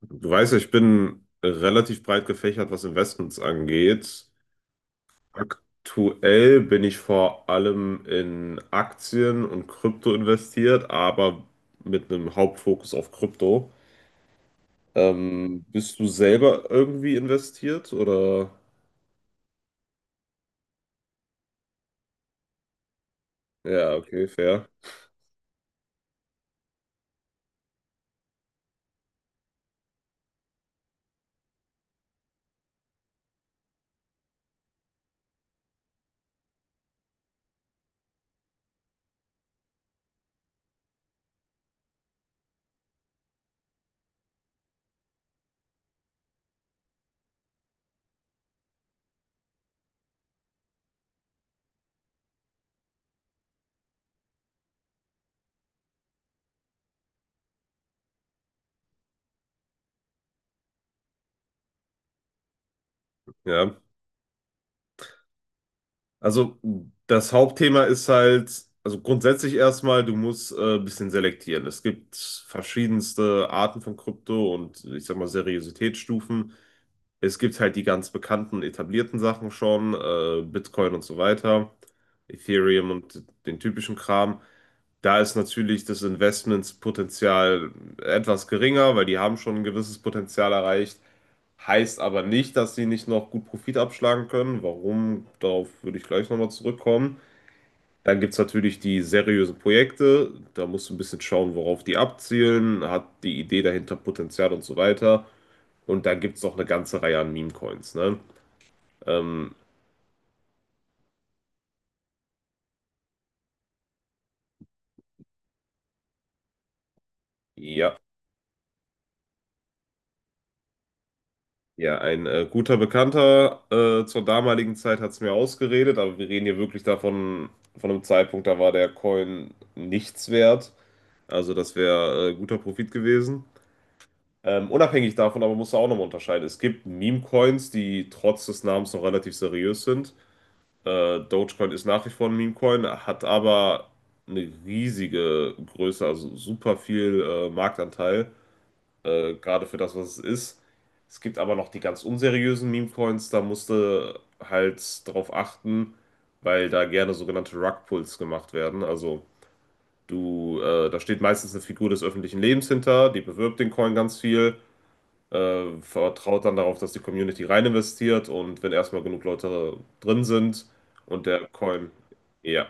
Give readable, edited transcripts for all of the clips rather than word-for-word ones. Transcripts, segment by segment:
Du weißt ja, ich bin relativ breit gefächert, was Investments angeht. Aktuell bin ich vor allem in Aktien und Krypto investiert, aber mit einem Hauptfokus auf Krypto. Bist du selber irgendwie investiert oder? Ja, okay, fair. Ja. Also das Hauptthema ist halt, also grundsätzlich erstmal, du musst ein bisschen selektieren. Es gibt verschiedenste Arten von Krypto und ich sag mal Seriositätsstufen. Es gibt halt die ganz bekannten, etablierten Sachen schon, Bitcoin und so weiter, Ethereum und den typischen Kram. Da ist natürlich das Investmentspotenzial etwas geringer, weil die haben schon ein gewisses Potenzial erreicht. Heißt aber nicht, dass sie nicht noch gut Profit abschlagen können. Warum? Darauf würde ich gleich nochmal zurückkommen. Dann gibt es natürlich die seriösen Projekte. Da musst du ein bisschen schauen, worauf die abzielen. Hat die Idee dahinter Potenzial und so weiter. Und da gibt es noch eine ganze Reihe an Meme-Coins. Ne? Ähm, ja, ja, ein guter Bekannter zur damaligen Zeit hat es mir ausgeredet, aber wir reden hier wirklich davon, von einem Zeitpunkt, da war der Coin nichts wert. Also das wäre guter Profit gewesen. Unabhängig davon aber musst du auch nochmal unterscheiden. Es gibt Meme-Coins, die trotz des Namens noch relativ seriös sind. Dogecoin ist nach wie vor ein Meme-Coin, hat aber eine riesige Größe, also super viel Marktanteil. Gerade für das, was es ist. Es gibt aber noch die ganz unseriösen Meme-Coins, da musste halt drauf achten, weil da gerne sogenannte Rug-Pulls gemacht werden. Also da steht meistens eine Figur des öffentlichen Lebens hinter, die bewirbt den Coin ganz viel, vertraut dann darauf, dass die Community rein investiert und wenn erstmal genug Leute drin sind und der Coin, ja.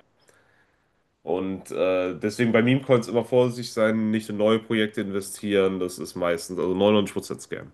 Und deswegen bei Meme-Coins immer vorsichtig sein, nicht in neue Projekte investieren, das ist meistens, also 99% Scam.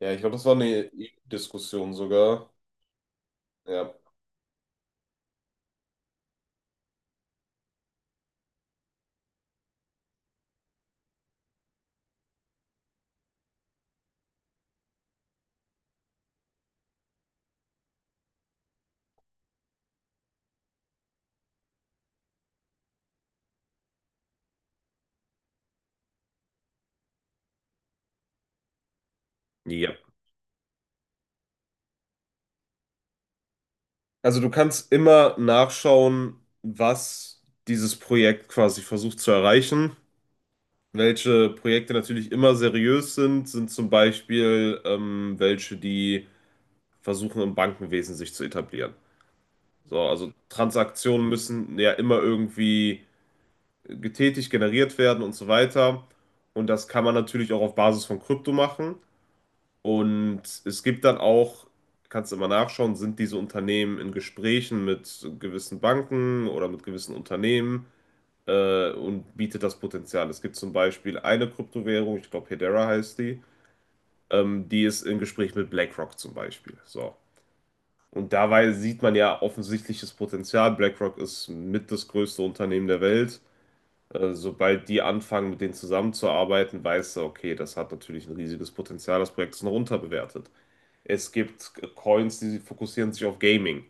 Ja, ich glaube, das war eine EU-Diskussion sogar. Ja. Ja. Also du kannst immer nachschauen, was dieses Projekt quasi versucht zu erreichen. Welche Projekte natürlich immer seriös sind, sind zum Beispiel welche, die versuchen, im Bankenwesen sich zu etablieren. So, also Transaktionen müssen ja immer irgendwie getätigt, generiert werden und so weiter. Und das kann man natürlich auch auf Basis von Krypto machen. Und es gibt dann auch, kannst du immer nachschauen, sind diese Unternehmen in Gesprächen mit gewissen Banken oder mit gewissen Unternehmen und bietet das Potenzial. Es gibt zum Beispiel eine Kryptowährung, ich glaube Hedera heißt die, die ist im Gespräch mit BlackRock zum Beispiel. So. Und dabei sieht man ja offensichtliches Potenzial. BlackRock ist mit das größte Unternehmen der Welt. Sobald die anfangen, mit denen zusammenzuarbeiten, weißt du, okay, das hat natürlich ein riesiges Potenzial, das Projekt ist noch unterbewertet. Es gibt Coins, die fokussieren sich auf Gaming.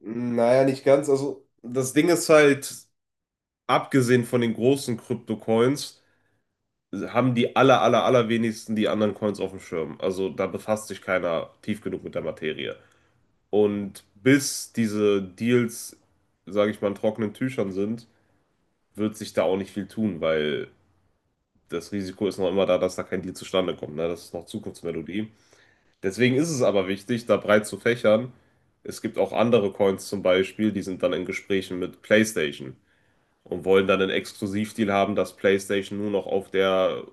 Naja, nicht ganz. Also, das Ding ist halt, abgesehen von den großen Krypto-Coins, haben die allerwenigsten die anderen Coins auf dem Schirm. Also da befasst sich keiner tief genug mit der Materie. Und bis diese Deals, sage ich mal, in trockenen Tüchern sind, wird sich da auch nicht viel tun, weil das Risiko ist noch immer da, dass da kein Deal zustande kommt. Ne? Das ist noch Zukunftsmelodie. Deswegen ist es aber wichtig, da breit zu fächern. Es gibt auch andere Coins zum Beispiel, die sind dann in Gesprächen mit PlayStation und wollen dann einen Exklusivdeal haben, dass PlayStation nur noch auf der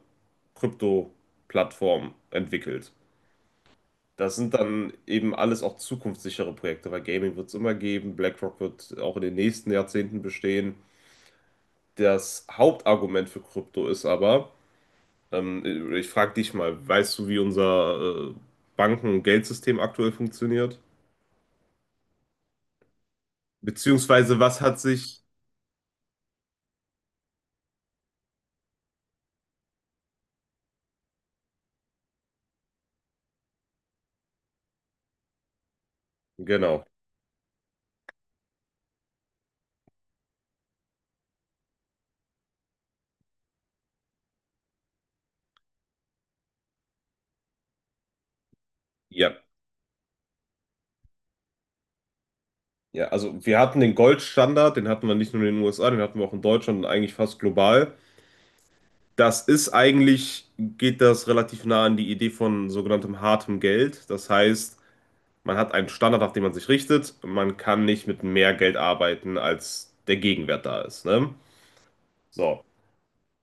Krypto-Plattform entwickelt. Das sind dann eben alles auch zukunftssichere Projekte, weil Gaming wird es immer geben, BlackRock wird auch in den nächsten Jahrzehnten bestehen. Das Hauptargument für Krypto ist aber, ich frage dich mal, weißt du, wie unser Banken- und Geldsystem aktuell funktioniert? Beziehungsweise, was hat sich. Genau. Ja. Ja, also wir hatten den Goldstandard, den hatten wir nicht nur in den USA, den hatten wir auch in Deutschland und eigentlich fast global. Das ist eigentlich, geht das relativ nah an die Idee von sogenanntem hartem Geld. Das heißt, man hat einen Standard, auf den man sich richtet. Man kann nicht mit mehr Geld arbeiten, als der Gegenwert da ist. Ne? So,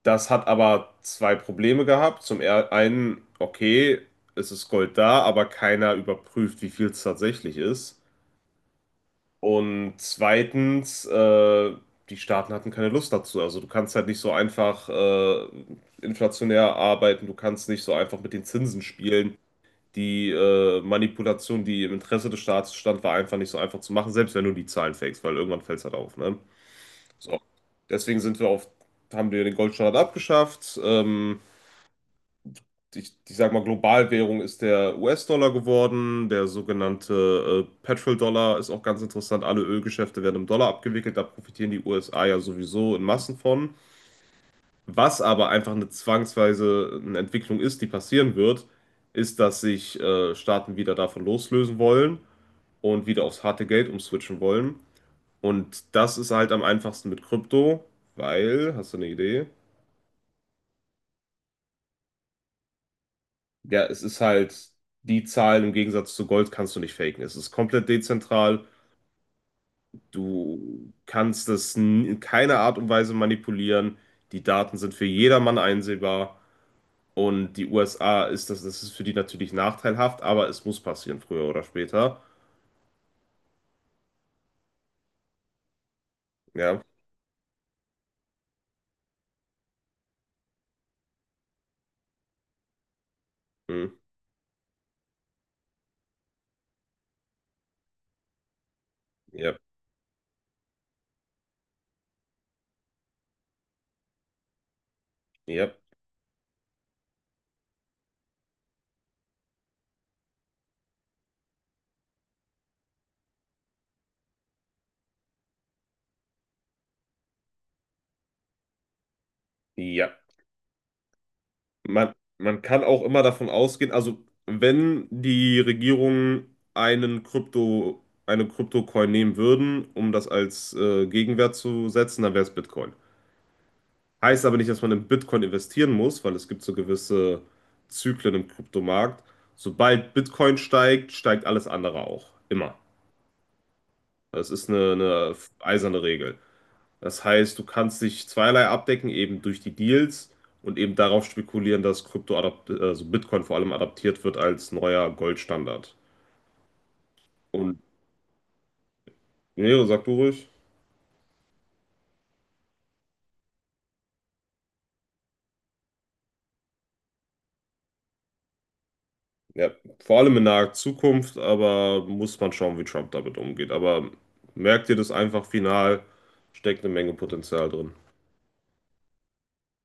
das hat aber zwei Probleme gehabt. Zum einen, okay, es ist Gold da, aber keiner überprüft, wie viel es tatsächlich ist. Und zweitens, die Staaten hatten keine Lust dazu. Also du kannst halt nicht so einfach inflationär arbeiten, du kannst nicht so einfach mit den Zinsen spielen. Die Manipulation, die im Interesse des Staates stand, war einfach nicht so einfach zu machen, selbst wenn du die Zahlen fakest, weil irgendwann fällt es halt auf, ne? So. Deswegen haben wir den Goldstandard abgeschafft. Ich sag mal, Globalwährung ist der US-Dollar geworden, der sogenannte Petrol-Dollar ist auch ganz interessant. Alle Ölgeschäfte werden im Dollar abgewickelt, da profitieren die USA ja sowieso in Massen von. Was aber einfach eine zwangsweise eine Entwicklung ist, die passieren wird, ist, dass sich Staaten wieder davon loslösen wollen und wieder aufs harte Geld umswitchen wollen. Und das ist halt am einfachsten mit Krypto, weil, hast du eine Idee? Ja, es ist halt, die Zahlen im Gegensatz zu Gold kannst du nicht faken. Es ist komplett dezentral. Du kannst es in keiner Art und Weise manipulieren. Die Daten sind für jedermann einsehbar. Und die USA ist das, das ist für die natürlich nachteilhaft, aber es muss passieren, früher oder später. Ja. Hm. Ja. Ja. Ja. Man, man kann auch immer davon ausgehen, also wenn die Regierung einen Krypto, eine Kryptocoin nehmen würden, um das als Gegenwert zu setzen, dann wäre es Bitcoin. Heißt aber nicht, dass man in Bitcoin investieren muss, weil es gibt so gewisse Zyklen im Kryptomarkt. Sobald Bitcoin steigt, steigt alles andere auch. Immer. Das ist eine eiserne Regel. Das heißt, du kannst dich zweierlei abdecken, eben durch die Deals und eben darauf spekulieren, dass Krypto adapt also Bitcoin vor allem adaptiert wird als neuer Goldstandard. Und nee, sag du ruhig. Ja, vor allem in naher Zukunft, aber muss man schauen, wie Trump damit umgeht. Aber merkt ihr das einfach final, steckt eine Menge Potenzial drin.